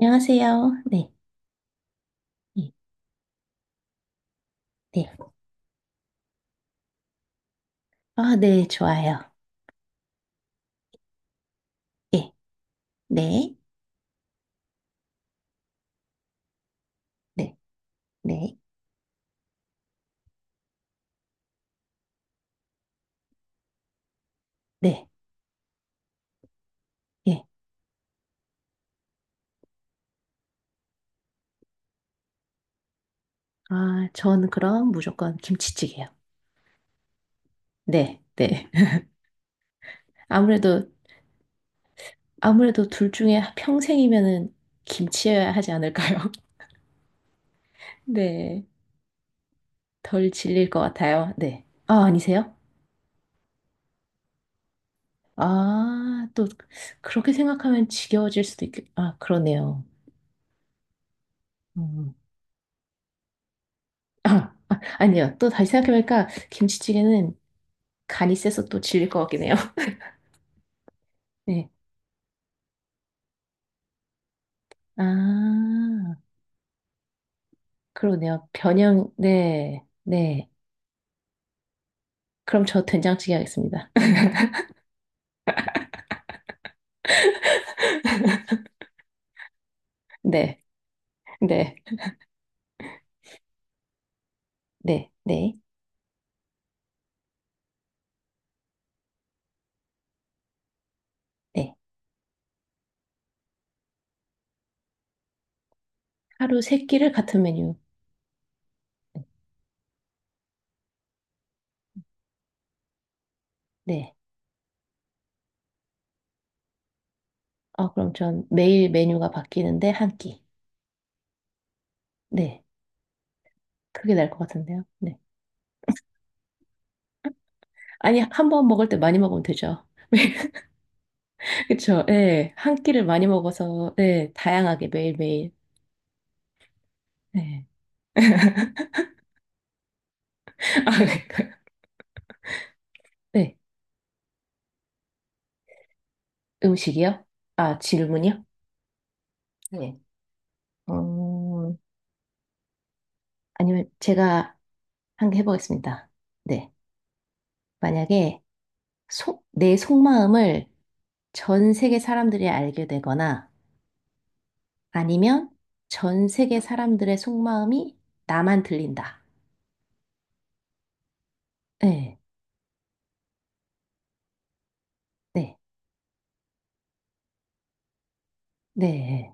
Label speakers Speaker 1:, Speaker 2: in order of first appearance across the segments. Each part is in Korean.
Speaker 1: 안녕하세요. 네, 네, 네. 아, 네, 좋아요. 예, 네, 네, 네, 네, 예. 아, 저는 그럼 무조건 김치찌개요. 네, 네. 아무래도, 아무래도 둘 중에 평생이면은 김치여야 하지 않을까요? 네, 덜 질릴 것 같아요. 네. 아, 아니세요? 아, 또, 그렇게 생각하면 지겨워질 수도 있겠, 아, 그러네요. 음. 아, 아, 아니요. 또 다시 생각해보니까 김치찌개는 간이 세서 또 질릴 것 같긴 해요. 네. 아, 그러네요. 변형, 네, 네. 그럼 저 된장찌개 하겠습니다. 네, 네, 네, 네, 네. 하루 세 끼를 같은 메뉴. 네. 아, 그럼 전 매일 메뉴가 바뀌는데 한 끼. 네. 그게 나을 것 같은데요. 네. 아니, 한 번 먹을 때 많이 먹으면 되죠. 그쵸. 네. 한 끼를 많이 먹어서, 네. 다양하게 매일매일. 네. 아, 네. 음식이요? 아, 질문이요? 네. 어, 아니면 제가 한 개 해보겠습니다. 네. 만약에 내 속마음을 전 세계 사람들이 알게 되거나 아니면 전 세계 사람들의 속마음이 나만 들린다. 네. 네. 네.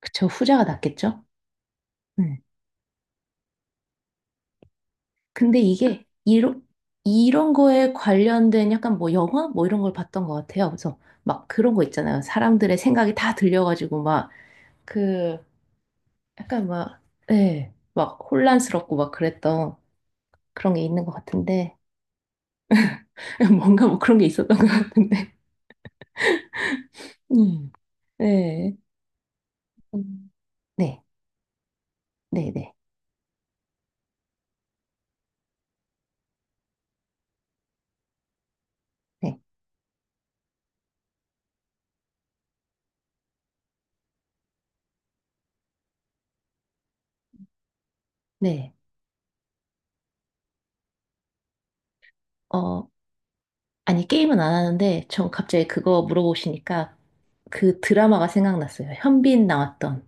Speaker 1: 그쵸. 후자가 낫겠죠? 네. 근데 이런 거에 관련된 약간 뭐 영화? 뭐 이런 걸 봤던 것 같아요. 그래서 막 그런 거 있잖아요. 사람들의 생각이 다 들려가지고 막그 약간 막, 예, 막 혼란스럽고 막 그랬던 그런 게 있는 것 같은데, 뭔가 뭐 그런 게 있었던 것 같은데. 음. 네. 음. 네, 네, 네, 네, 네. 어, 아니, 게임은 안 하는데, 전 갑자기 그거 물어보시니까 그 드라마가 생각났어요. 현빈 나왔던,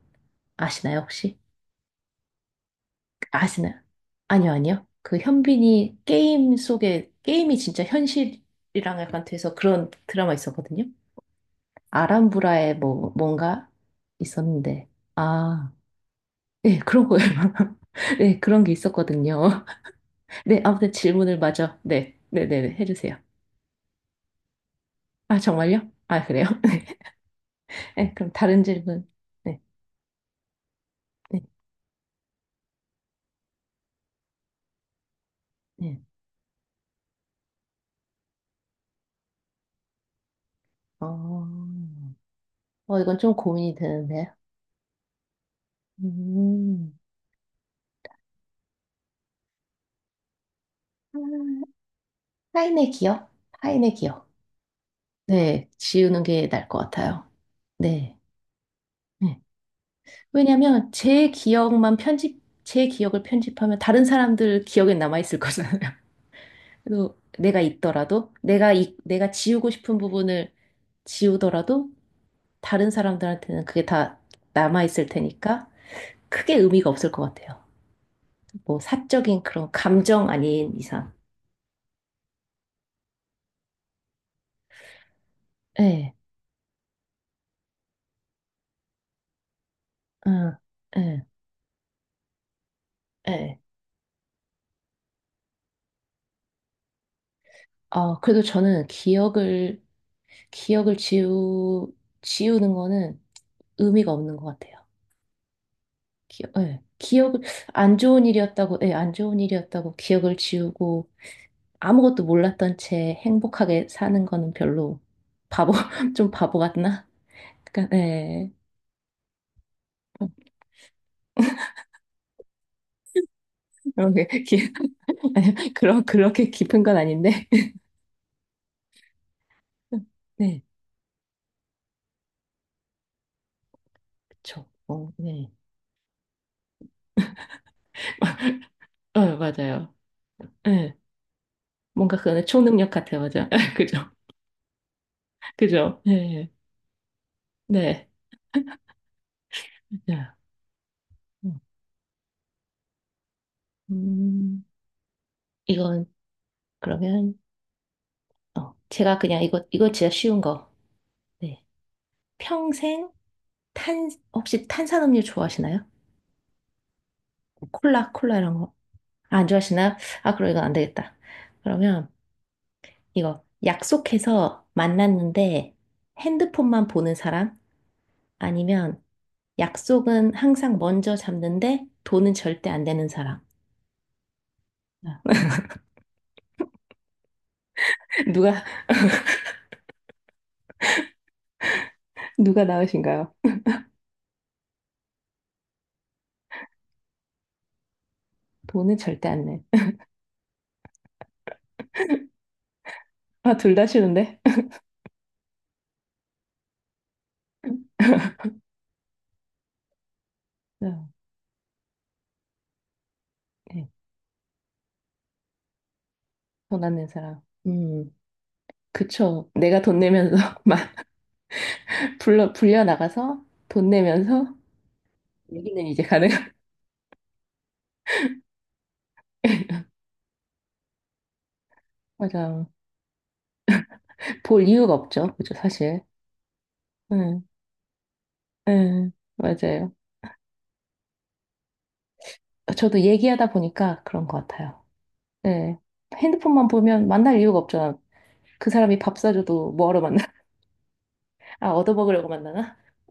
Speaker 1: 아시나요, 혹시? 아시나요? 아니요. 그 게임이 진짜 현실이랑 약간 돼서 그런 드라마 있었거든요. 아람브라에 뭔가 있었는데. 아, 네, 그런 거예요. 네, 그런 게 있었거든요. 네, 아무튼 질문을 마저. 네, 네네네, 해주세요. 아, 정말요? 아, 그래요? 네, 네, 그럼 다른 질문. 네, 네, 네. 어, 어, 이건 좀 고민이 되는데요. 음, 아, 타인의 기억? 타인의 기억. 네, 지우는 게 나을 것 같아요. 네. 네. 왜냐면 제 기억을 편집하면 다른 사람들 기억에 남아있을 거잖아요. 그래서 내가 있더라도, 내가, 이, 내가 지우고 싶은 부분을 지우더라도 다른 사람들한테는 그게 다 남아있을 테니까 크게 의미가 없을 것 같아요. 뭐 사적인 그런 감정 아닌 이상. 예, 응, 예, 예. 아, 그래도 저는 기억을 지우, 지우는 거는 의미가 없는 것 같아요. 기억, 예, 기억을, 안 좋은 일이었다고, 예, 안 좋은 일이었다고 기억을 지우고 아무것도 몰랐던 채 행복하게 사는 거는 별로 바보, 좀 바보 같나? 그러니까, 예. 그런 게, 기, 그런, 그렇게 깊은 건 아닌데. 네, 그쵸. 어, 네. 어, 맞아요. 예. 뭔가 그거는 초능력 같아요. 맞아. 그죠. 그죠. 예. 네. 맞아요. 음, 음, 이건 그러면, 어, 제가 그냥 이거 진짜 쉬운 거. 네. 평생 탄, 혹시 탄산음료 좋아하시나요? 콜라 이런 거. 아, 안 좋아하시나요? 아, 그럼 이건 안 되겠다. 그러면 이거 약속해서 만났는데 핸드폰만 보는 사람? 아니면 약속은 항상 먼저 잡는데 돈은 절대 안 내는 사람. 아, 누가, 누가 나으신가요? 돈은 절대 안 내. 아, 둘 다 싫은데? 아, 네. 돈 안 낸 사람. 음, 그쵸. 내가 돈 내면서 마- 불려 나가서 돈 내면서 여기는 이제 가능요 맞아요. 볼 이유가 없죠. 그죠, 사실. 응, 응, 맞아요. 저도 얘기하다 보니까 그런 것 같아요. 네. 핸드폰만 보면 만날 이유가 없잖아. 그 사람이 밥 사줘도 뭐하러 만나? 아, 얻어먹으려고 만나나?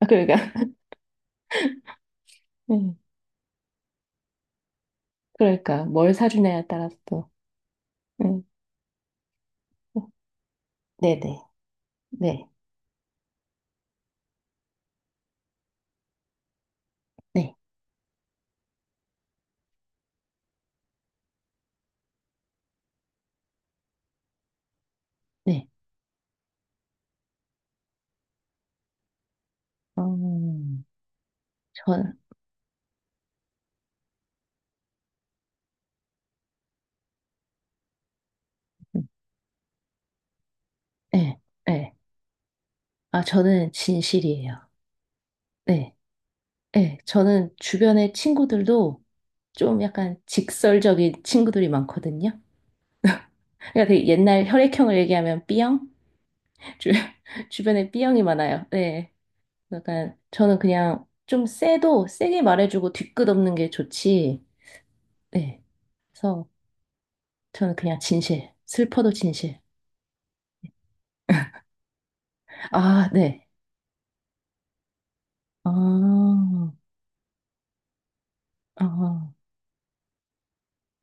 Speaker 1: 아, 그러니까. 응, 그러니까, 뭘 사주냐에 따라서 또. 네. 네네. 네. 네. 네. 네. 음, 전, 네. 네. 아, 저는 진실이에요. 네. 네, 저는 주변의 친구들도 좀 약간 직설적인 친구들이 많거든요. 그러니까 되게 옛날 혈액형을 얘기하면 B형? 주, 주변에 B형이 많아요. 네. 약간 저는 그냥 좀 세도 세게 말해주고 뒤끝없는 게 좋지. 네. 그래서 저는 그냥 진실. 슬퍼도 진실. 아, 네. 아, 아,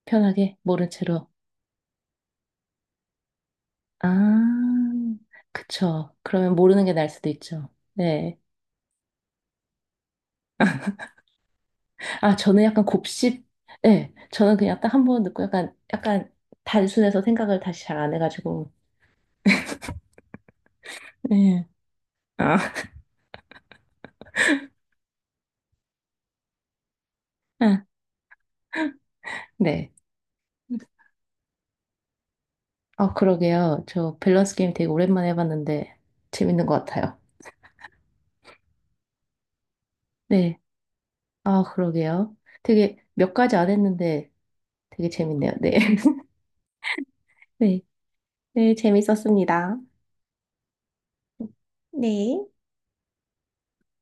Speaker 1: 편하게 모른 채로. 아, 그쵸. 그러면 모르는 게 나을 수도 있죠. 네. 아, 저는 약간 곱씹, 예, 저는 그냥 딱 한번 듣고 약간, 약간 단순해서 생각을 다시 잘 안 해가지고, 예. 아, 아, 네. 아, 그러게요. 저 밸런스 게임 되게 오랜만에 해봤는데, 재밌는 것 같아요. 네. 아, 그러게요. 되게 몇 가지 안 했는데 되게 재밌네요. 네. 네. 네, 재밌었습니다. 네.